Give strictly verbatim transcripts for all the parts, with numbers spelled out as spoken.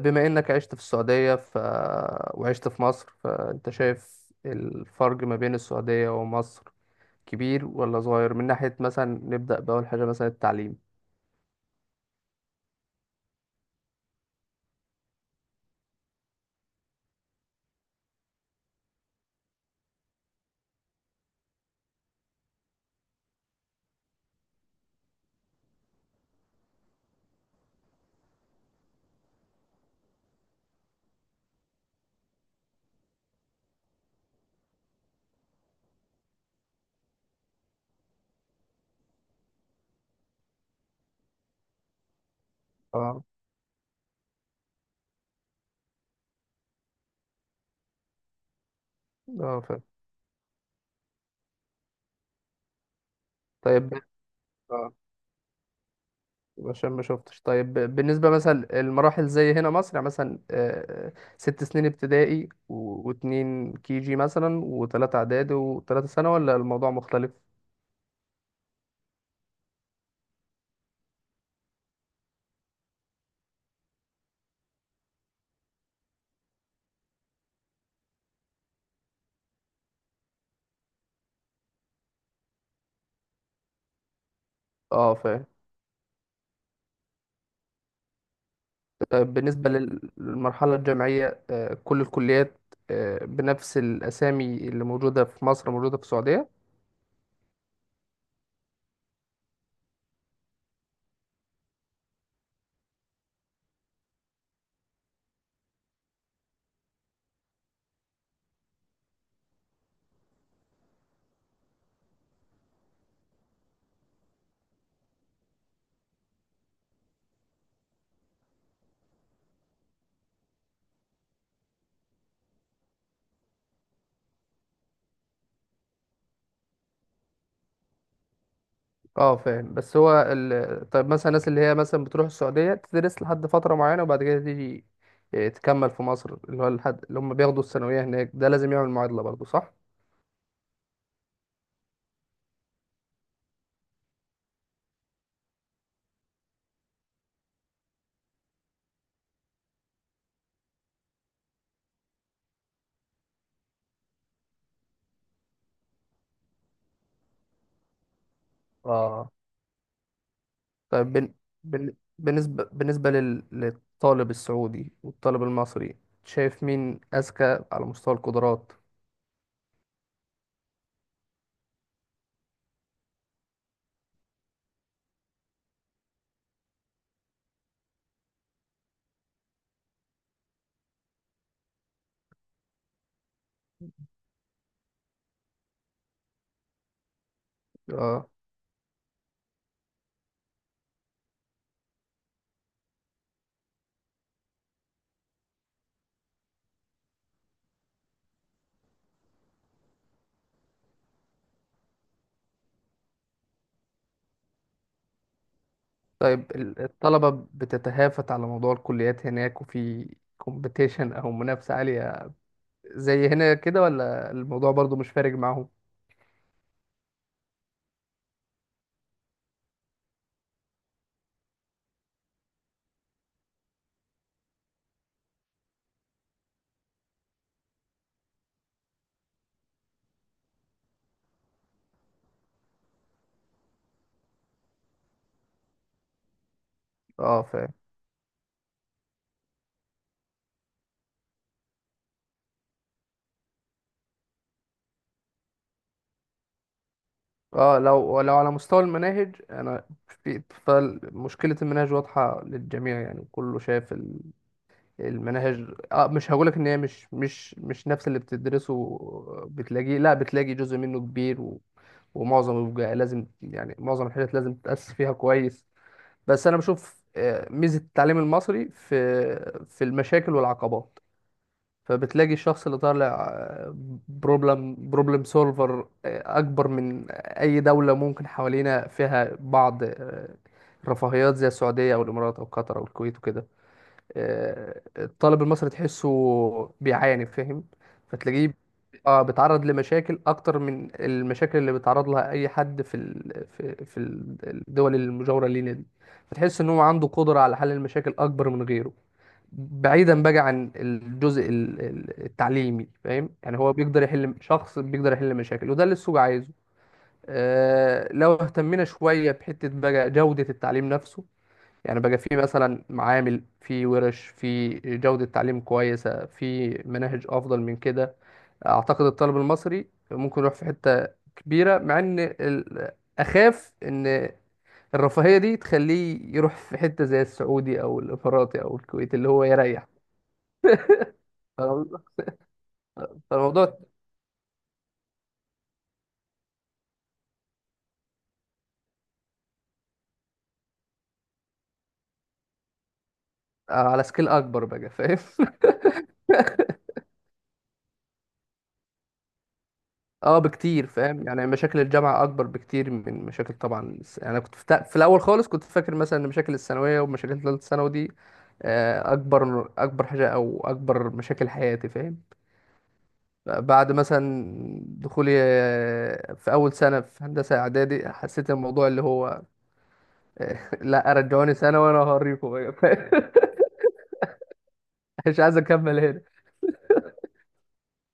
بما انك عشت في السعودية ف... وعشت في مصر، فانت شايف الفرق ما بين السعودية ومصر كبير ولا صغير؟ من ناحية مثلا نبدأ بأول حاجة، مثلا التعليم. اه، اه، فاهم. طيب، اه عشان ما شفتش. طيب ب- بالنسبة مثلا المراحل زي هنا مصر، يعني مثلا آه، ست سنين ابتدائي و- واتنين كي جي مثلا، وتلاتة إعدادي، وتلاتة سنة، ولا الموضوع مختلف؟ اه، فاهم. طيب بالنسبة لل- للمرحلة الجامعية، آه، كل الكليات آه، بنفس الأسامي اللي موجودة في مصر موجودة في السعودية؟ اه، فاهم. بس هو ال... طيب مثلا الناس اللي هي مثلا بتروح السعودية تدرس لحد فترة معينة، وبعد كده تيجي آه، تكمل في مصر، اللي هو الحد اللي هم بياخدوا الثانوية هناك، ده لازم يعمل معادلة برضه، صح؟ اه. طيب بن... بن... بالنسبة بالنسبة لل... للطالب السعودي والطالب المصري، شايف مين أذكى على مستوى القدرات؟ اه. طيب ال- الطلبة بتتهافت على موضوع الكليات هناك، وفي كومبيتيشن أو منافسة عالية زي هنا كده، ولا الموضوع برضو مش فارق معاهم؟ اه، فاهم. اه، لو لو على مستوى المناهج، انا في، فمشكلة المناهج واضحة للجميع، يعني كله شايف ال- المناهج. اه، مش هقولك ان هي مش مش مش نفس اللي بتدرسه، بتلاقيه، لا بتلاقي جزء منه كبير، و... ومعظم بيبقى لازم، يعني معظم الحاجات لازم تتأسس فيها كويس. بس انا بشوف آه، ميزه التعليم المصري في في المشاكل والعقبات، فبتلاقي الشخص اللي طالع بروبلم بروبلم سولفر اكبر من اي دوله ممكن حوالينا، فيها بعض آه، رفاهيات زي السعوديه او الامارات او قطر او الكويت وكده. آه، الطالب المصري تحسه بيعاني، فاهم، فتلاقيه اه بيتعرض لمشاكل اكتر من المشاكل اللي بيتعرض لها اي حد في ال... في في الدول المجاوره لينا دي. فتحس ان هو عنده قدره على حل المشاكل اكبر من غيره، بعيدا بقى عن الجزء ال- ال- التعليمي، فاهم. يعني هو بيقدر يحل، شخص بيقدر يحل مشاكل، وده اللي السوق عايزه. آه، لو اهتمينا شويه بحته بقى جوده التعليم نفسه، يعني بقى في مثلا معامل، في ورش، في جودة تعليم كويسة، في مناهج أفضل من كده، أعتقد الطالب المصري ممكن يروح في حتة كبيرة. مع إن ال- أخاف إن الرفاهية دي تخليه يروح في حتة زي السعودي أو الإماراتي أو الكويت اللي هو يريح. فالموضوع فالموضوع على سكيل أكبر بقى، فاهم. اه، بكتير، فاهم. يعني مشاكل الجامعة أكبر بكتير من مشاكل، طبعا الس- يعني أنا كنت في, تا- في الأول خالص كنت فاكر مثلا إن مشاكل الثانوية ومشاكل تالتة ثانوي دي آه، أكبر أكبر حاجة، أو أكبر مشاكل حياتي، فاهم. بعد مثلا دخولي آه، في أول سنة في هندسة إعدادي، حسيت الموضوع اللي هو آه، لا رجعوني سنة وأنا هوريكم بقى، فاهم؟ مش عايز أكمل هنا.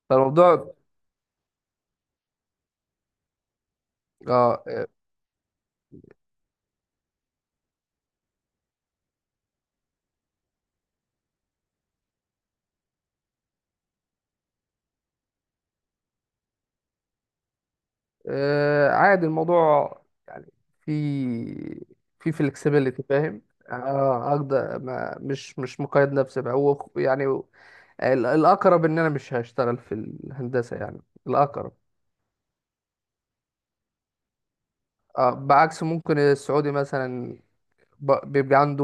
فالموضوع. اه آه، آه، عادي الموضوع، في في flexibility، فاهم. اه اقدر، ما مش مش مقيد نفسي بقى، هو يعني ال- الاقرب ان انا مش هشتغل في الهندسه يعني، الاقرب. آه، بعكس ممكن السعودي مثلا ب- بيبقى عنده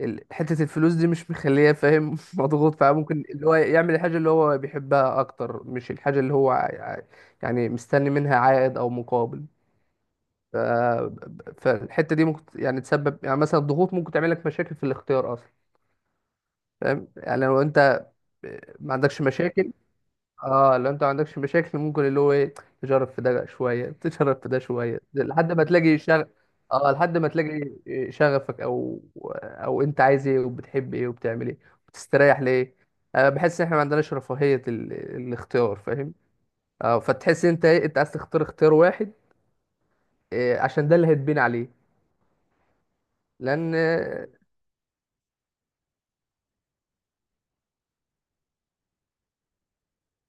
ال- حته الفلوس دي مش مخليه، فاهم، مضغوط، فممكن اللي هو يعمل الحاجه اللي هو بيحبها اكتر، مش الحاجه اللي هو ع- ع- يعني مستني منها عائد او مقابل. ف- فالحته دي ممكن يعني تسبب، يعني مثلا الضغوط ممكن تعمل لك مشاكل في الاختيار اصلا، فاهم. يعني لو انت ما عندكش مشاكل، اه، لو انت ما عندكش مشاكل ممكن اللي هو ايه، تجرب في ده شويه تجرب في ده شويه لحد ما تلاقي شغف. اه، لحد ما تلاقي شغفك، او او انت عايز ايه، وبتحب ايه، وبتعمل ايه، وبتستريح ليه. انا بحس ان احنا ما عندناش رفاهيه ال... الاختيار، فاهم. اه، فتحس انت ايه، انت عايز تختار اختيار واحد، آه، عشان ده اللي هتبين عليه، لان.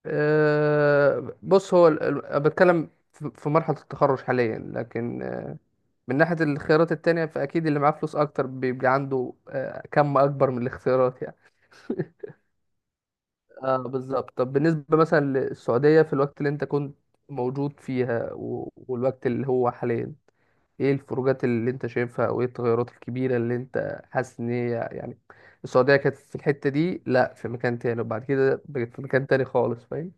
آه، بص، هو ال- ال- أنا بتكلم في في مرحلة التخرج حاليا، لكن آه، من ناحية الاختيارات التانية، فأكيد اللي معاه فلوس أكتر بيبقى عنده آه، كم أكبر من الاختيارات، يعني. اه، بالظبط. طب بالنسبة مثلا للسعودية، في الوقت اللي أنت كنت موجود فيها و- والوقت اللي هو حاليا، إيه الفروقات اللي أنت شايفها، وإيه التغيرات الكبيرة اللي أنت حاسس إن هي، يعني السعودية كانت في الحتة دي، لأ في مكان تاني، وبعد كده بقت في مكان تاني خالص، فاهم؟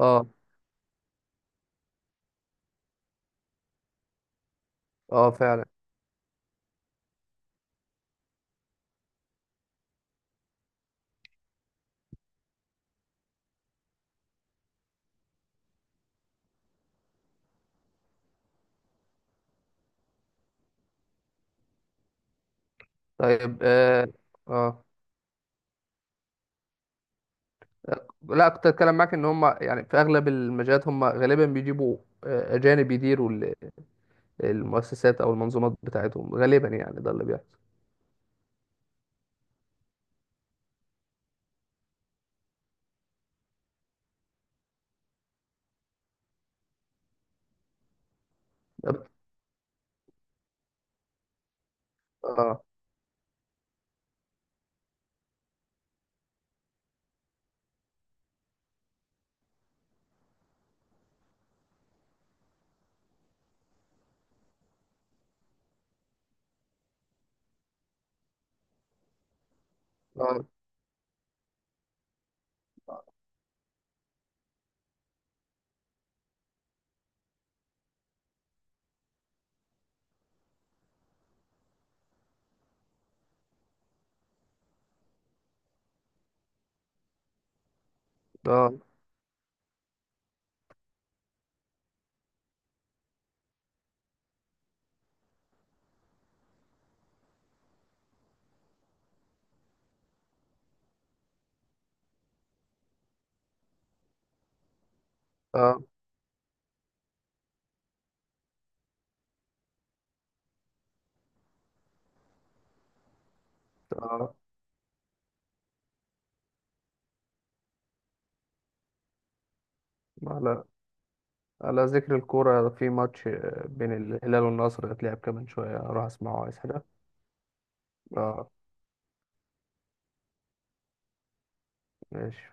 اه، اه، فعلا. طيب. اه، اه، لا، كنت اتكلم معاك ان هم يعني في اغلب المجالات هم غالبا بيجيبوا آه، اجانب يديروا ال- المؤسسات او المنظومات بتاعتهم، غالبا يعني ده اللي بيحصل. طب- اه، اه، اه، اه، اه، على على ذكر الكورة، في ماتش آه، بين الهلال والنصر هيتلعب كمان شوية، اروح اسمعه، عايز حاجة. اه، ماشي.